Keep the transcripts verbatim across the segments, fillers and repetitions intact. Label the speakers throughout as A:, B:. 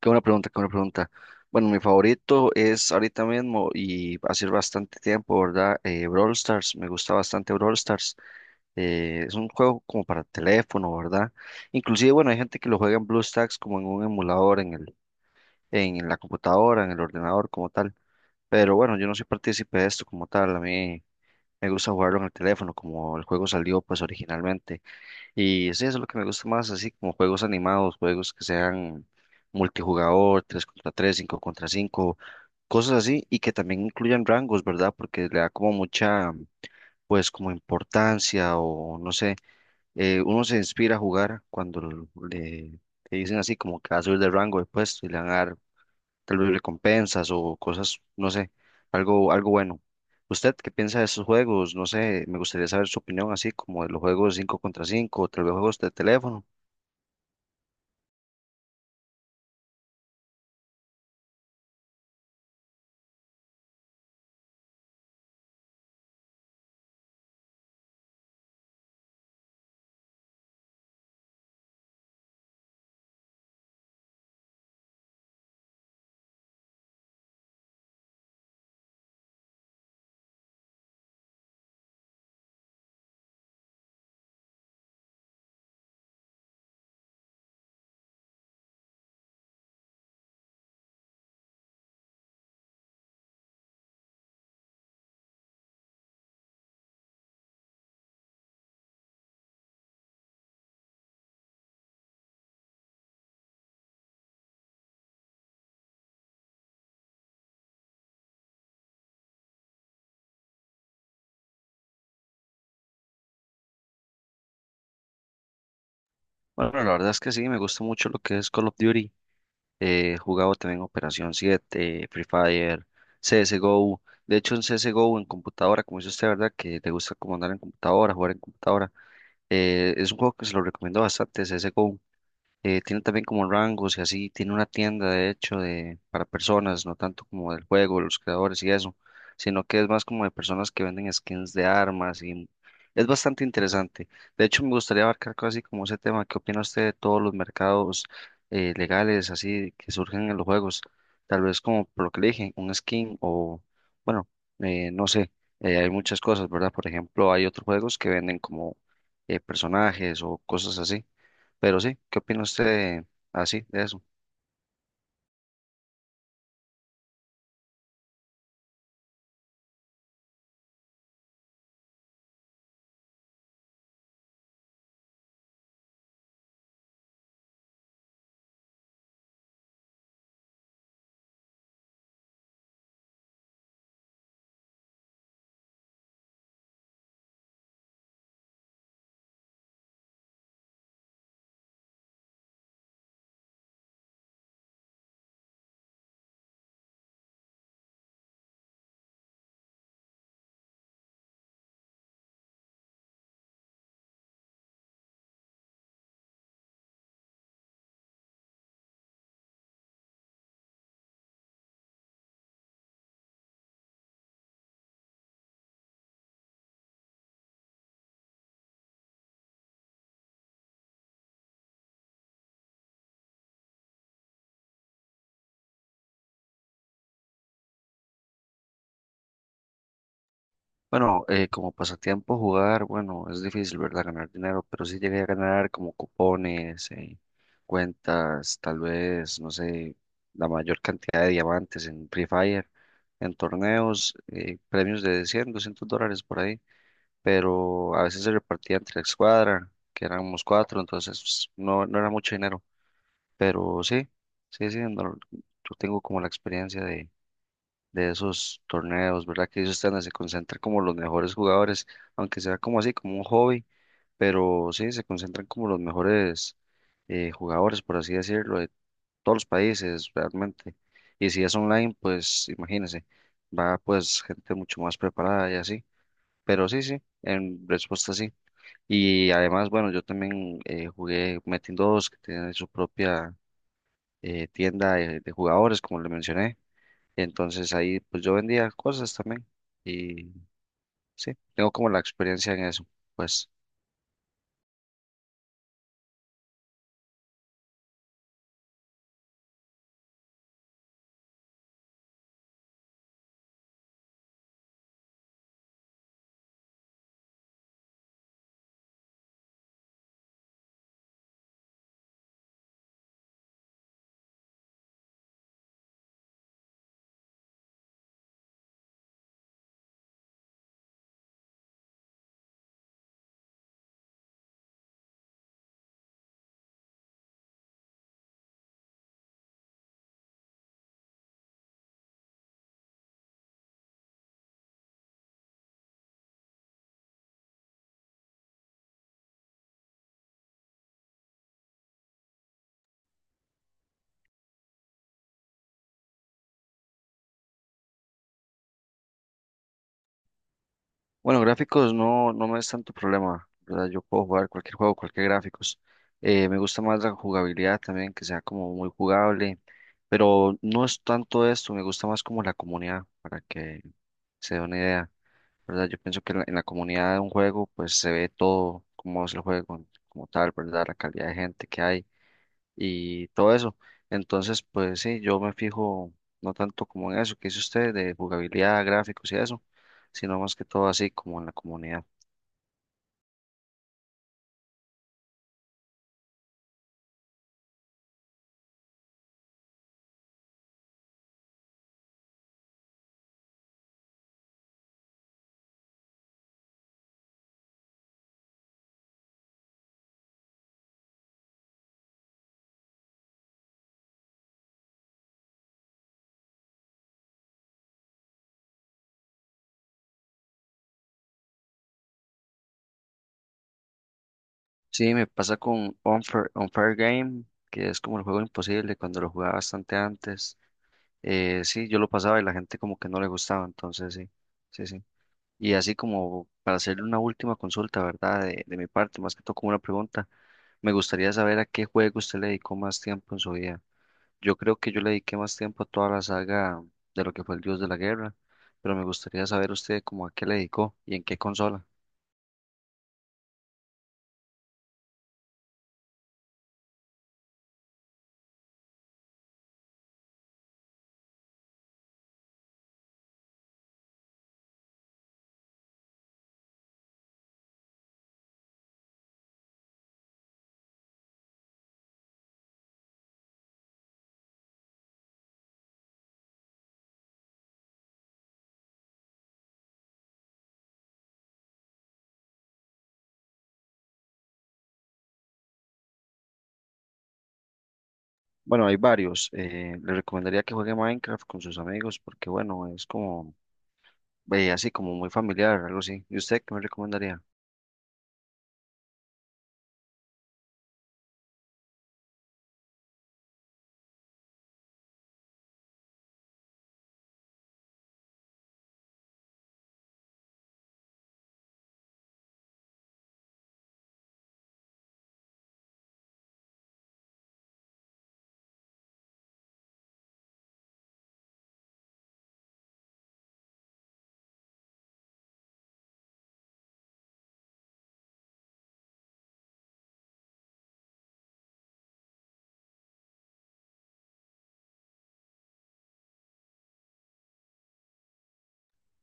A: Qué buena pregunta, qué buena pregunta. Bueno, mi favorito es ahorita mismo y hace bastante tiempo, ¿verdad? Eh, Brawl Stars, me gusta bastante Brawl Stars. Eh, es un juego como para teléfono, ¿verdad? Inclusive, bueno, hay gente que lo juega en BlueStacks como en un emulador, en el, en la computadora, en el ordenador como tal. Pero bueno, yo no soy partícipe de esto como tal. A mí me gusta jugarlo en el teléfono, como el juego salió pues originalmente. Y sí, eso es lo que me gusta más, así como juegos animados, juegos que sean multijugador, tres contra tres, cinco contra cinco, cosas así, y que también incluyan rangos, ¿verdad? Porque le da como mucha, pues como importancia o no sé, eh, uno se inspira a jugar cuando l- le, le dicen así como que va a subir de rango de puesto y le van a dar tal vez recompensas o cosas, no sé, algo, algo bueno. ¿Usted qué piensa de esos juegos? No sé, me gustaría saber su opinión así como de los juegos cinco contra cinco o tal vez juegos de teléfono. Bueno, la verdad es que sí, me gusta mucho lo que es Call of Duty. Eh, he jugado también Operación siete, Free Fire, C S G O. De hecho, en C S G O en computadora, como dice usted, ¿verdad? Que te gusta como andar en computadora, jugar en computadora. Eh, es un juego que se lo recomiendo bastante, C S G O. Eh, tiene también como rangos y así, tiene una tienda de hecho de, para personas, no tanto como del juego, los creadores y eso, sino que es más como de personas que venden skins de armas y es bastante interesante. De hecho, me gustaría abarcar casi como ese tema. ¿Qué opina usted de todos los mercados eh, legales así que surgen en los juegos? Tal vez como por lo que le dije, un skin o, bueno, eh, no sé, eh, hay muchas cosas, ¿verdad? Por ejemplo, hay otros juegos que venden como eh, personajes o cosas así. Pero sí, ¿qué opina usted así de eso? Bueno, eh, como pasatiempo jugar, bueno, es difícil, ¿verdad? Ganar dinero, pero sí llegué a ganar como cupones, eh, cuentas, tal vez, no sé, la mayor cantidad de diamantes en Free Fire, en torneos, eh, premios de cien, doscientos dólares por ahí, pero a veces se repartía entre la escuadra, que éramos cuatro, entonces no, no era mucho dinero, pero sí, sí, sí, no- yo tengo como la experiencia de de esos torneos, ¿verdad? Que ellos están, se concentran como los mejores jugadores, aunque sea como así, como un hobby, pero sí, se concentran como los mejores eh, jugadores, por así decirlo, de todos los países realmente. Y si es online, pues imagínense, va pues gente mucho más preparada y así. Pero sí, sí, en respuesta sí. Y además, bueno, yo también eh, jugué Metin dos, que tiene su propia eh, tienda de de jugadores, como le mencioné. Entonces ahí pues yo vendía cosas también y sí, tengo como la experiencia en eso. Pues bueno, gráficos no, no me es tanto problema, ¿verdad? Yo puedo jugar cualquier juego, cualquier gráficos. Eh, me gusta más la jugabilidad también, que sea como muy jugable, pero no es tanto esto, me gusta más como la comunidad, para que se dé una idea, ¿verdad? Yo pienso que en la, en la comunidad de un juego pues se ve todo, cómo es el juego como tal, ¿verdad? La calidad de gente que hay y todo eso. Entonces, pues sí, yo me fijo no tanto como en eso que dice usted de jugabilidad, gráficos y eso, sino más que todo así como en la comunidad. Sí, me pasa con Unfair, Unfair Game, que es como el juego imposible, cuando lo jugaba bastante antes. Eh, sí, yo lo pasaba y la gente como que no le gustaba, entonces sí, sí, sí. Y así como para hacerle una última consulta, ¿verdad? De, de mi parte, más que todo como una pregunta, me gustaría saber a qué juego usted le dedicó más tiempo en su vida. Yo creo que yo le dediqué más tiempo a toda la saga de lo que fue el Dios de la Guerra, pero me gustaría saber usted cómo a qué le dedicó y en qué consola. Bueno, hay varios. Eh, le recomendaría que juegue Minecraft con sus amigos porque, bueno, es como, eh, así como muy familiar, algo así. ¿Y usted qué me recomendaría?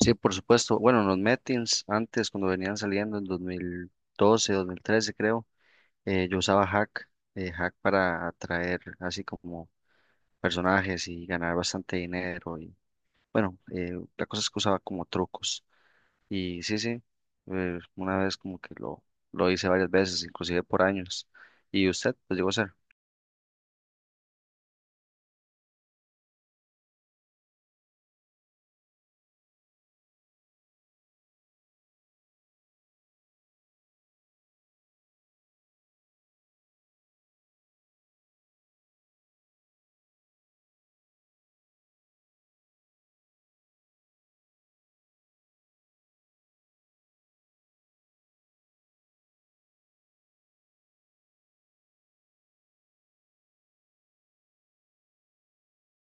A: Sí, por supuesto. Bueno, los Metins antes, cuando venían saliendo en dos mil doce, dos mil trece, creo, eh, yo usaba Hack, eh, Hack para atraer así como personajes y ganar bastante dinero. Bueno, eh, la cosa es que usaba como trucos. Y sí, sí, eh, una vez como que lo, lo hice varias veces, inclusive por años. ¿Y usted lo llegó a hacer?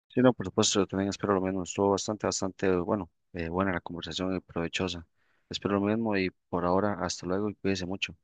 A: Sí, no, por supuesto, yo también espero lo mismo. Estuvo bastante, bastante, bueno, eh, buena la conversación y provechosa. Espero lo mismo y por ahora, hasta luego y cuídese mucho.